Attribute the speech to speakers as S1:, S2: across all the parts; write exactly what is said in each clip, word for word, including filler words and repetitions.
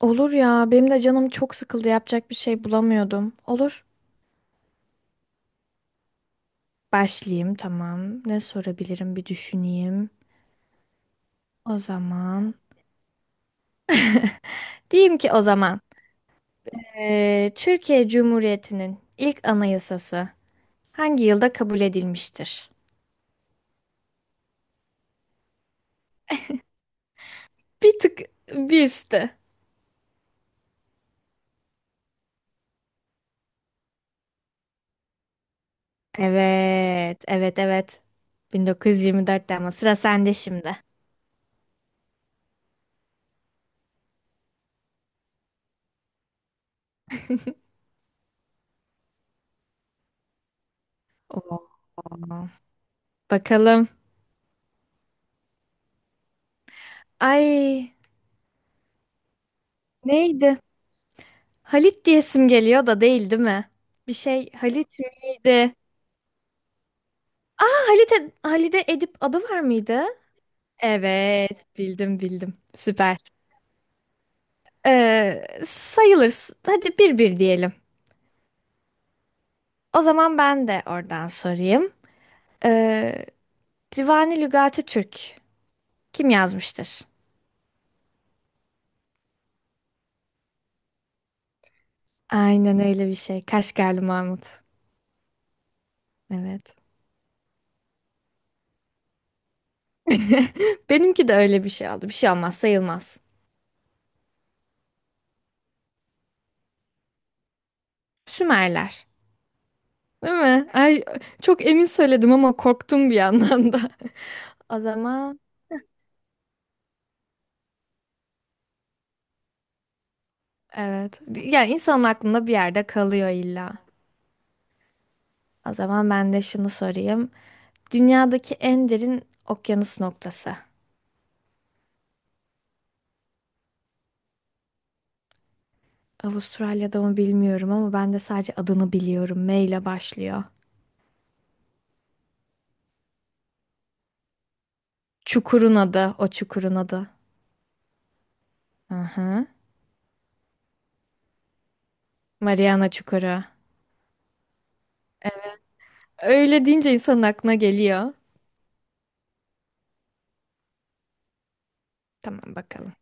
S1: Olur ya, benim de canım çok sıkıldı. Yapacak bir şey bulamıyordum. Olur. Başlayayım tamam. Ne sorabilirim bir düşüneyim. O zaman. Diyeyim ki o zaman. eee, Türkiye Cumhuriyeti'nin ilk anayasası hangi yılda kabul edilmiştir? Bir tık bir üstü. Evet, evet, evet. bin dokuz yüz yirmi dörtte ama sıra sende şimdi. Oo. Bakalım. Ay, neydi? Halit diyesim geliyor da değil değil mi? Bir şey Halit miydi? Ha, Halit Halide Edip adı var mıydı? Evet, bildim bildim. Süper. Ee, sayılır. Hadi bir bir diyelim. O zaman ben de oradan sorayım. Ee, Divani Lügati Türk kim yazmıştır? Aynen öyle bir şey. Kaşgarlı Mahmut. Evet. Benimki de öyle bir şey oldu. Bir şey olmaz, sayılmaz. Sümerler. Değil mi? Ay, çok emin söyledim ama korktum bir yandan da. O zaman evet. Yani insanın aklında bir yerde kalıyor illa. O zaman ben de şunu sorayım. Dünyadaki en derin okyanus noktası. Avustralya'da mı bilmiyorum ama ben de sadece adını biliyorum. M ile başlıyor. Çukurun adı, o çukurun adı. Aha. Mariana Çukuru. Öyle deyince insanın aklına geliyor. Tamam bakalım.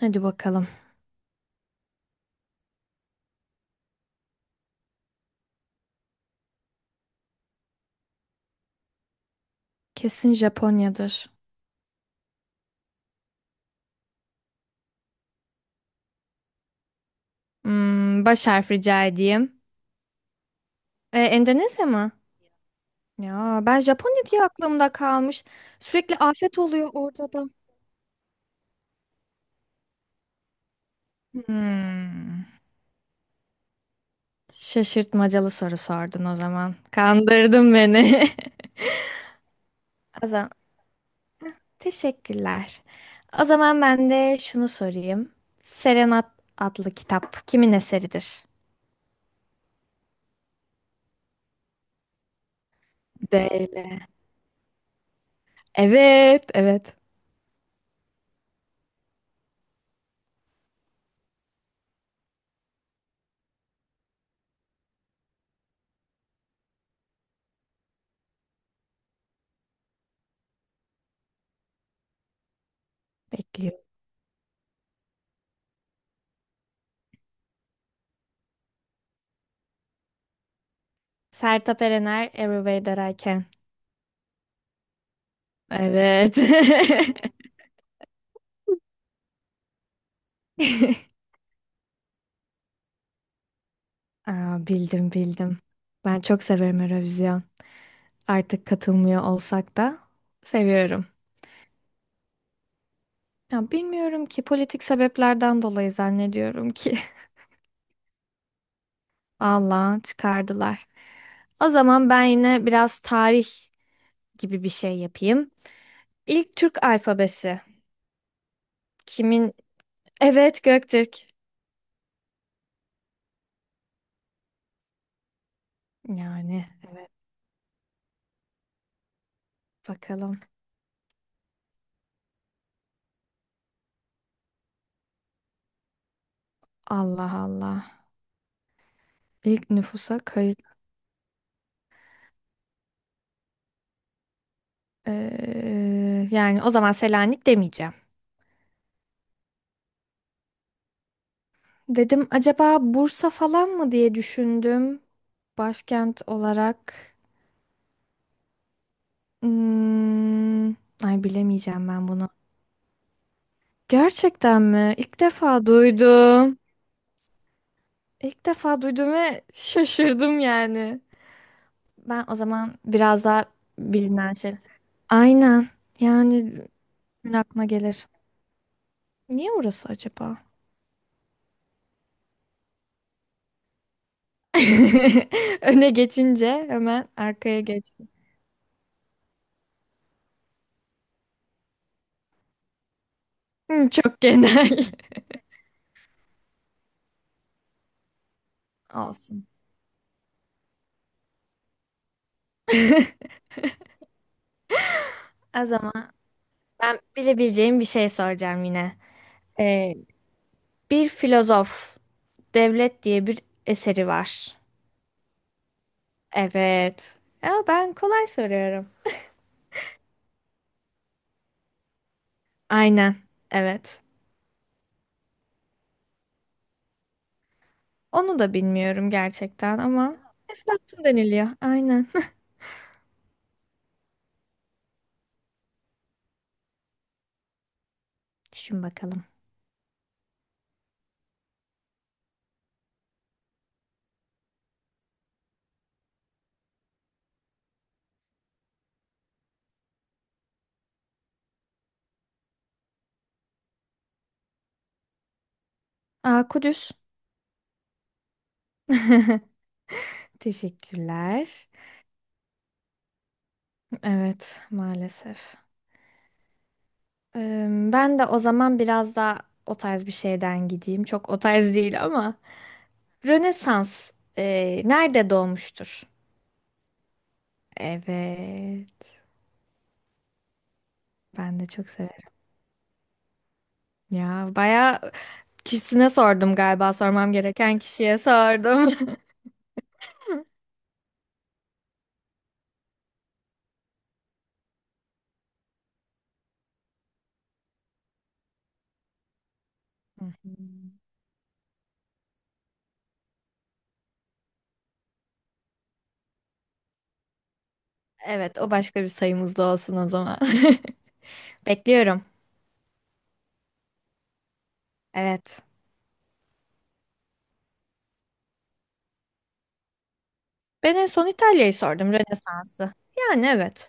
S1: Hadi bakalım. Kesin Japonya'dır. Hmm, baş harf rica edeyim. E, Endonezya mı? Ya ben Japonya diye aklımda kalmış. Sürekli afet oluyor orada da. Hmm. Şaşırtmacalı soru sordun o zaman. Kandırdın beni. O zaman teşekkürler. O zaman ben de şunu sorayım. Serenat adlı kitap kimin eseridir? Değil. Evet, evet. Bekliyorum. Sertab Erener, Every Way That I Can. Evet. Aa, bildim bildim. Ben çok severim Eurovision, artık katılmıyor olsak da seviyorum. Ya bilmiyorum ki, politik sebeplerden dolayı zannediyorum ki. Vallahi çıkardılar. O zaman ben yine biraz tarih gibi bir şey yapayım. İlk Türk alfabesi. Kimin? Evet, Göktürk. Yani bakalım. Allah Allah. İlk nüfusa kayıt. Ee, yani o zaman Selanik demeyeceğim. Dedim acaba Bursa falan mı diye düşündüm. Başkent olarak. Hmm, ay bilemeyeceğim ben bunu. Gerçekten mi? İlk defa duydum. İlk defa duydum ve şaşırdım yani. Ben o zaman biraz daha bilinen şey. Aynen. Yani kimin aklına gelir. Niye orası acaba? Öne geçince hemen arkaya geç. Hı, çok genel. Olsun. O zaman ben bilebileceğim bir şey soracağım yine. Ee, bir filozof, Devlet diye bir eseri var. Evet. Ya ben kolay soruyorum. Aynen. Evet. Onu da bilmiyorum gerçekten ama Eflatun deniliyor. Aynen. Düşün bakalım. Aa, Kudüs. Teşekkürler. Evet, maalesef. Ee, ben de o zaman biraz daha o tarz bir şeyden gideyim. Çok o tarz değil ama Rönesans e, nerede doğmuştur? Evet. Ben de çok severim. Ya bayağı kişisine sordum galiba. Sormam gereken kişiye sordum. Hı hı. Evet, o başka bir sayımız da olsun o zaman. Bekliyorum. Evet. Ben en son İtalya'yı sordum, Rönesans'ı. Yani evet.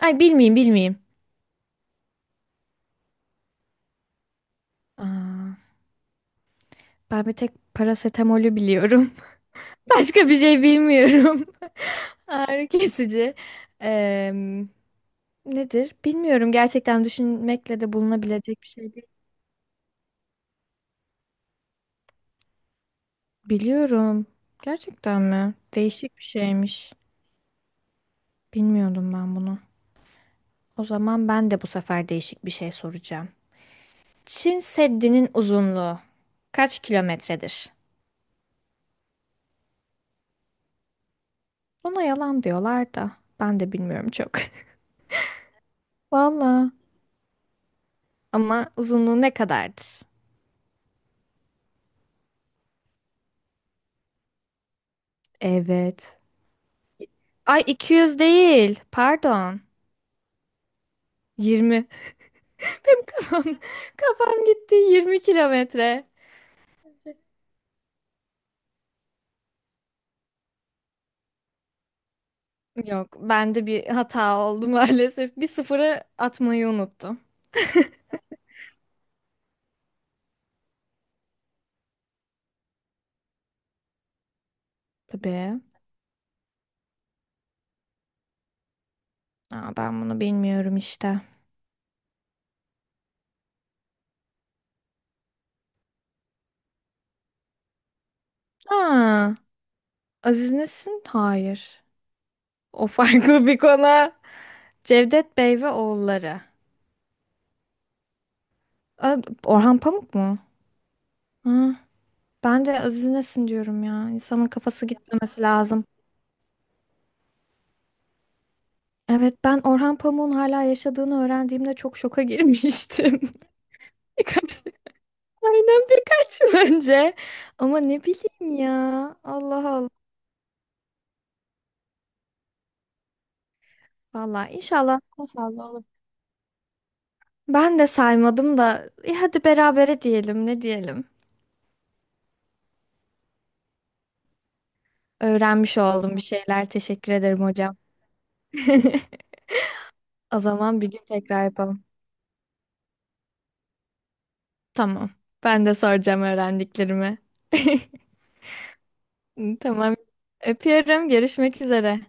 S1: Ay bilmeyeyim, bilmeyeyim. Aa, ben bir tek parasetamolü biliyorum. Başka bir şey bilmiyorum. Ağrı kesici. Em, nedir? Bilmiyorum. Gerçekten düşünmekle de bulunabilecek bir şey değil. Biliyorum. Gerçekten mi? Değişik bir şeymiş. Bilmiyordum ben bunu. O zaman ben de bu sefer değişik bir şey soracağım. Çin Seddi'nin uzunluğu kaç kilometredir? Buna yalan diyorlar da ben de bilmiyorum çok. Valla. Ama uzunluğu ne kadardır? Evet. Ay iki yüz değil. Pardon. Yirmi. Benim kafam, kafam gitti. Yirmi kilometre. Yok, bende bir hata oldu maalesef. Bir sıfırı atmayı unuttum. Tabii. Aa, ben bunu bilmiyorum işte. Aa, Aziz Nesin? Hayır. O farklı bir konu. Cevdet Bey ve Oğulları. Aa, Orhan Pamuk mu? Hı. Ben de Aziz Nesin diyorum ya. İnsanın kafası gitmemesi lazım. Evet, ben Orhan Pamuk'un hala yaşadığını öğrendiğimde çok şoka girmiştim. Birkaç- Aynen, birkaç yıl önce. Ama ne bileyim ya. Allah Allah. Valla inşallah daha fazla olur. Ben de saymadım da e, hadi berabere diyelim ne diyelim. Öğrenmiş oldum bir şeyler. Teşekkür ederim hocam. O zaman bir gün tekrar yapalım. Tamam. Ben de soracağım öğrendiklerimi. Tamam. Öpüyorum. Görüşmek üzere.